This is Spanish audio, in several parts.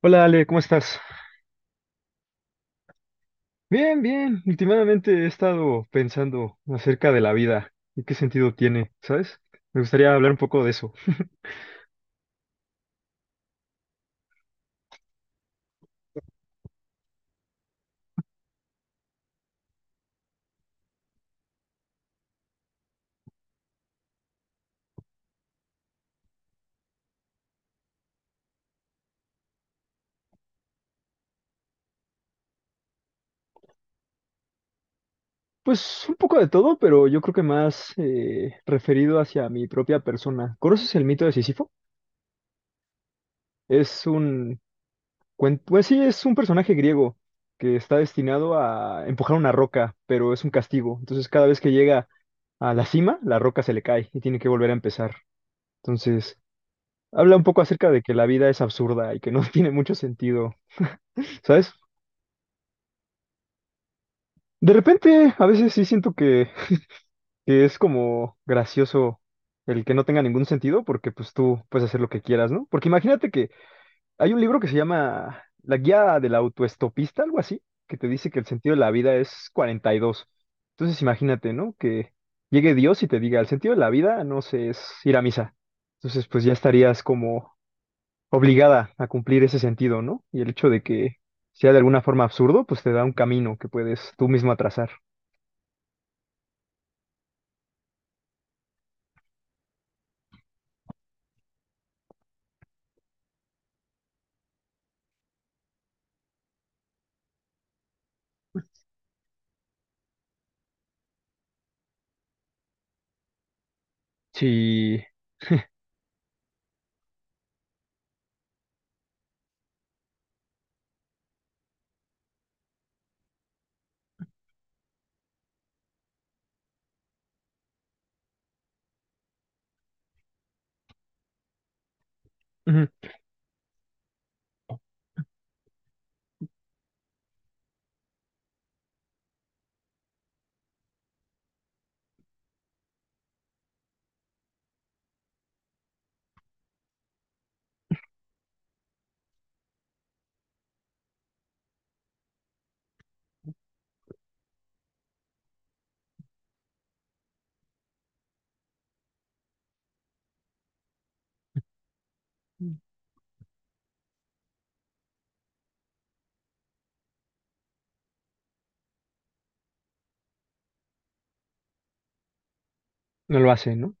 Hola Ale, ¿cómo estás? Bien, bien. Últimamente he estado pensando acerca de la vida y qué sentido tiene, ¿sabes? Me gustaría hablar un poco de eso. Pues un poco de todo, pero yo creo que más referido hacia mi propia persona. ¿Conoces el mito de Sísifo? Es un pues sí, es un personaje griego que está destinado a empujar una roca, pero es un castigo. Entonces cada vez que llega a la cima, la roca se le cae y tiene que volver a empezar. Entonces... Habla un poco acerca de que la vida es absurda y que no tiene mucho sentido, ¿sabes? De repente, a veces sí siento que es como gracioso el que no tenga ningún sentido porque pues tú puedes hacer lo que quieras, ¿no? Porque imagínate que hay un libro que se llama La guía del autoestopista, algo así, que te dice que el sentido de la vida es 42. Entonces imagínate, ¿no? Que llegue Dios y te diga, el sentido de la vida, no sé, es ir a misa. Entonces pues ya estarías como obligada a cumplir ese sentido, ¿no? Y el hecho de que sea de alguna forma absurdo, pues te da un camino que puedes tú mismo trazar. Si ujú, no lo hace, ¿no?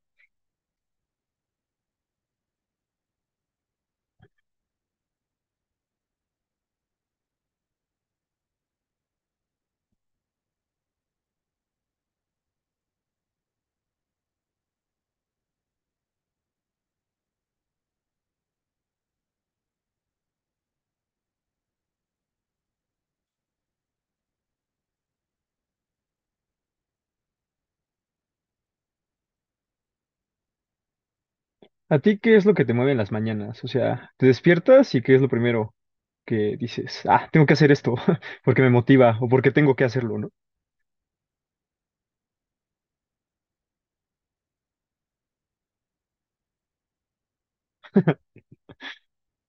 ¿A ti qué es lo que te mueve en las mañanas? O sea, te despiertas y qué es lo primero que dices, ah, tengo que hacer esto porque me motiva o porque tengo que hacerlo, ¿no?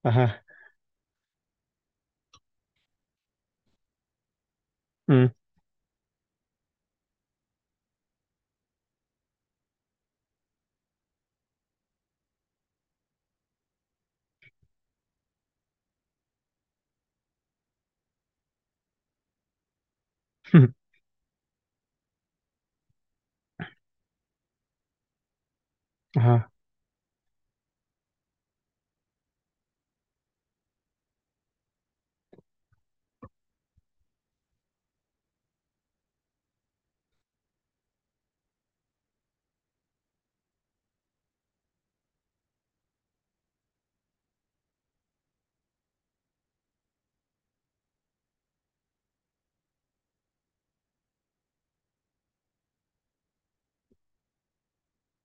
Ajá. Mm. Ajá.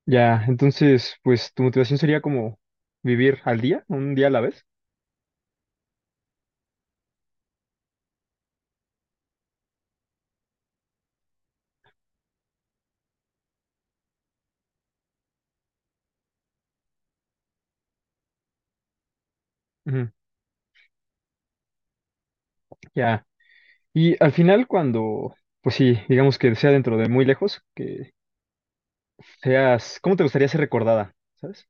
Ya, entonces, pues tu motivación sería como vivir al día, un día a la vez. Ujú. Ya. Y al final, cuando, pues sí, digamos que sea dentro de muy lejos, que seas, ¿cómo te gustaría ser recordada? ¿Sabes?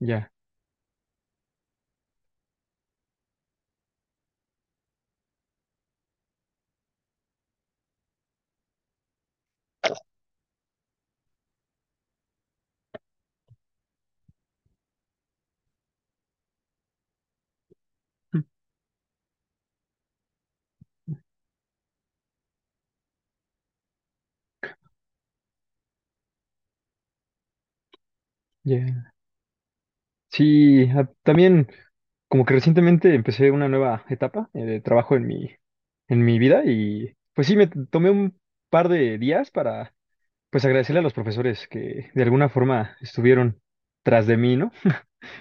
Ya, ya. Sí, también como que recientemente empecé una nueva etapa de trabajo en mi vida y pues sí, tomé un par de días para pues agradecerle a los profesores que de alguna forma estuvieron tras de mí, ¿no?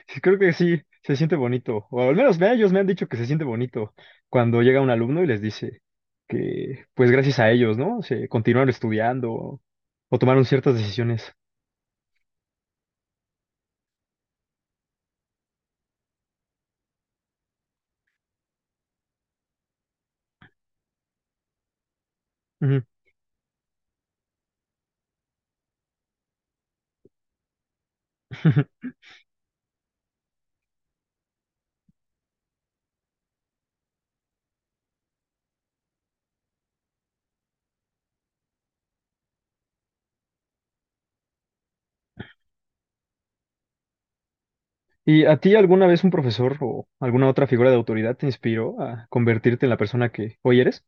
Sí, creo que sí, se siente bonito, o al menos ellos me han dicho que se siente bonito cuando llega un alumno y les dice que, pues gracias a ellos, ¿no? Se continuaron estudiando o, tomaron ciertas decisiones. Ujú. ¿Y a ti alguna vez un profesor o alguna otra figura de autoridad te inspiró a convertirte en la persona que hoy eres?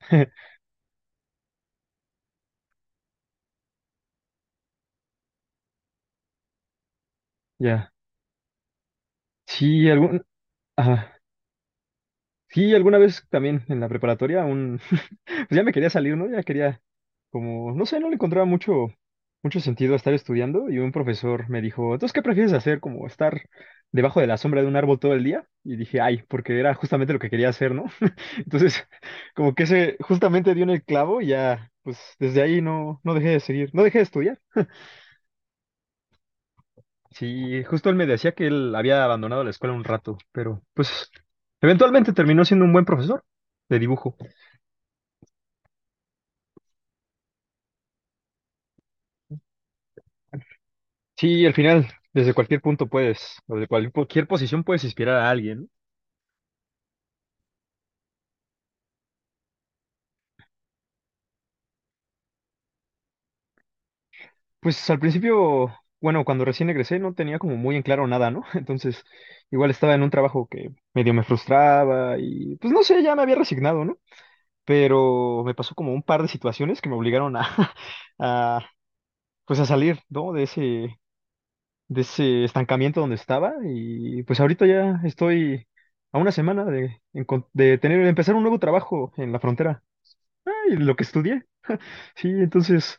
Ya. Sí, algún, ajá. Sí, alguna vez también en la preparatoria un, pues ya me quería salir, ¿no? Ya quería como, no sé, no le encontraba mucho sentido a estar estudiando y un profesor me dijo, entonces, ¿qué prefieres hacer? Como estar debajo de la sombra de un árbol todo el día. Y dije, ay, porque era justamente lo que quería hacer, ¿no? Entonces, como que ese justamente dio en el clavo y ya, pues desde ahí no dejé de seguir, no dejé de estudiar. Sí, justo él me decía que él había abandonado la escuela un rato, pero pues eventualmente terminó siendo un buen profesor de dibujo. Sí, al final, desde cualquier punto puedes, o de cualquier posición puedes inspirar a alguien, ¿no? Pues al principio, bueno, cuando recién egresé no tenía como muy en claro nada, ¿no? Entonces, igual estaba en un trabajo que medio me frustraba y pues no sé, ya me había resignado, ¿no? Pero me pasó como un par de situaciones que me obligaron a, a pues a salir, ¿no? De ese estancamiento donde estaba y pues ahorita ya estoy a una semana de, de tener, de empezar un nuevo trabajo en la frontera y lo que estudié. Sí, entonces,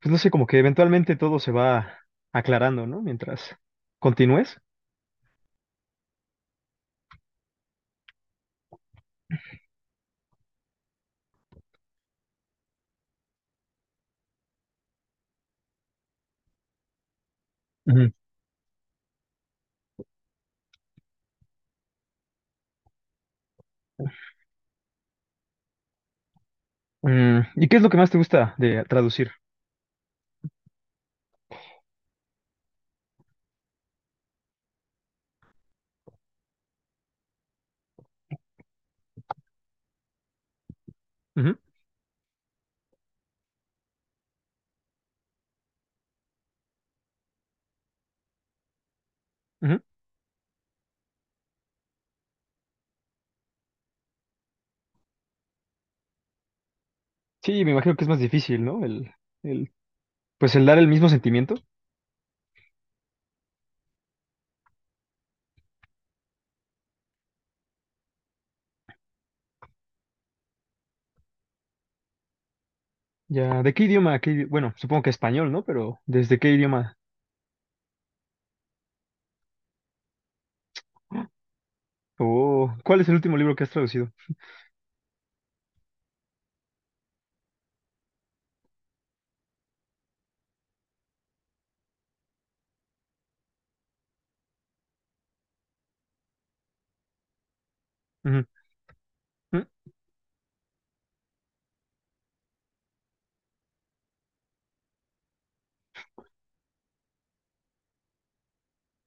pues no sé, como que eventualmente todo se va aclarando, ¿no? Mientras continúes. Ujú. Mm, ¿y qué es lo que más te gusta de traducir? Ujú, ujú. Sí, me imagino que es más difícil, ¿no? El, pues el dar el mismo sentimiento. Ya, ¿de qué idioma? Bueno, supongo que español, ¿no? Pero ¿desde qué idioma? O ¿cuál es el último libro que has traducido? Ujú, ujú.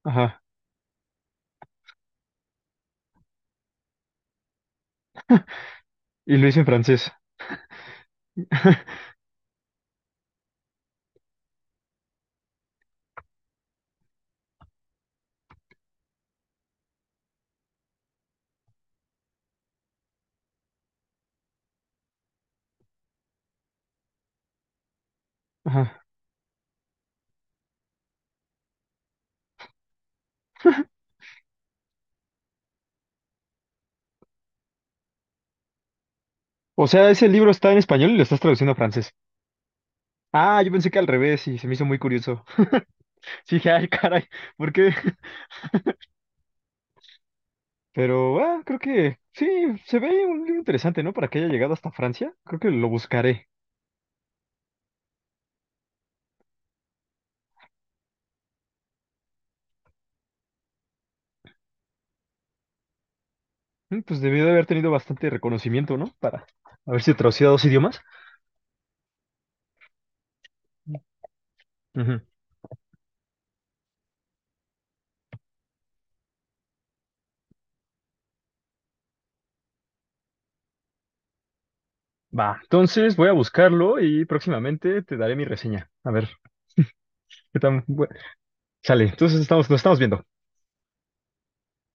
Ajá. Y lo hice en francés. Ajá. O sea, ese libro está en español y lo estás traduciendo a francés. Ah, yo pensé que al revés y se me hizo muy curioso. Sí, dije, ay, caray, ¿por qué? Pero, ah, creo que sí, se ve un libro interesante, ¿no? Para que haya llegado hasta Francia. Creo que lo buscaré. Mm. Pues debió de haber tenido bastante reconocimiento, ¿no? Para haberse traducido a dos idiomas. Ujú. Va, entonces voy a buscarlo y próximamente te daré mi reseña. A ver, ¿qué tan bu- Sale, entonces estamos, nos estamos viendo.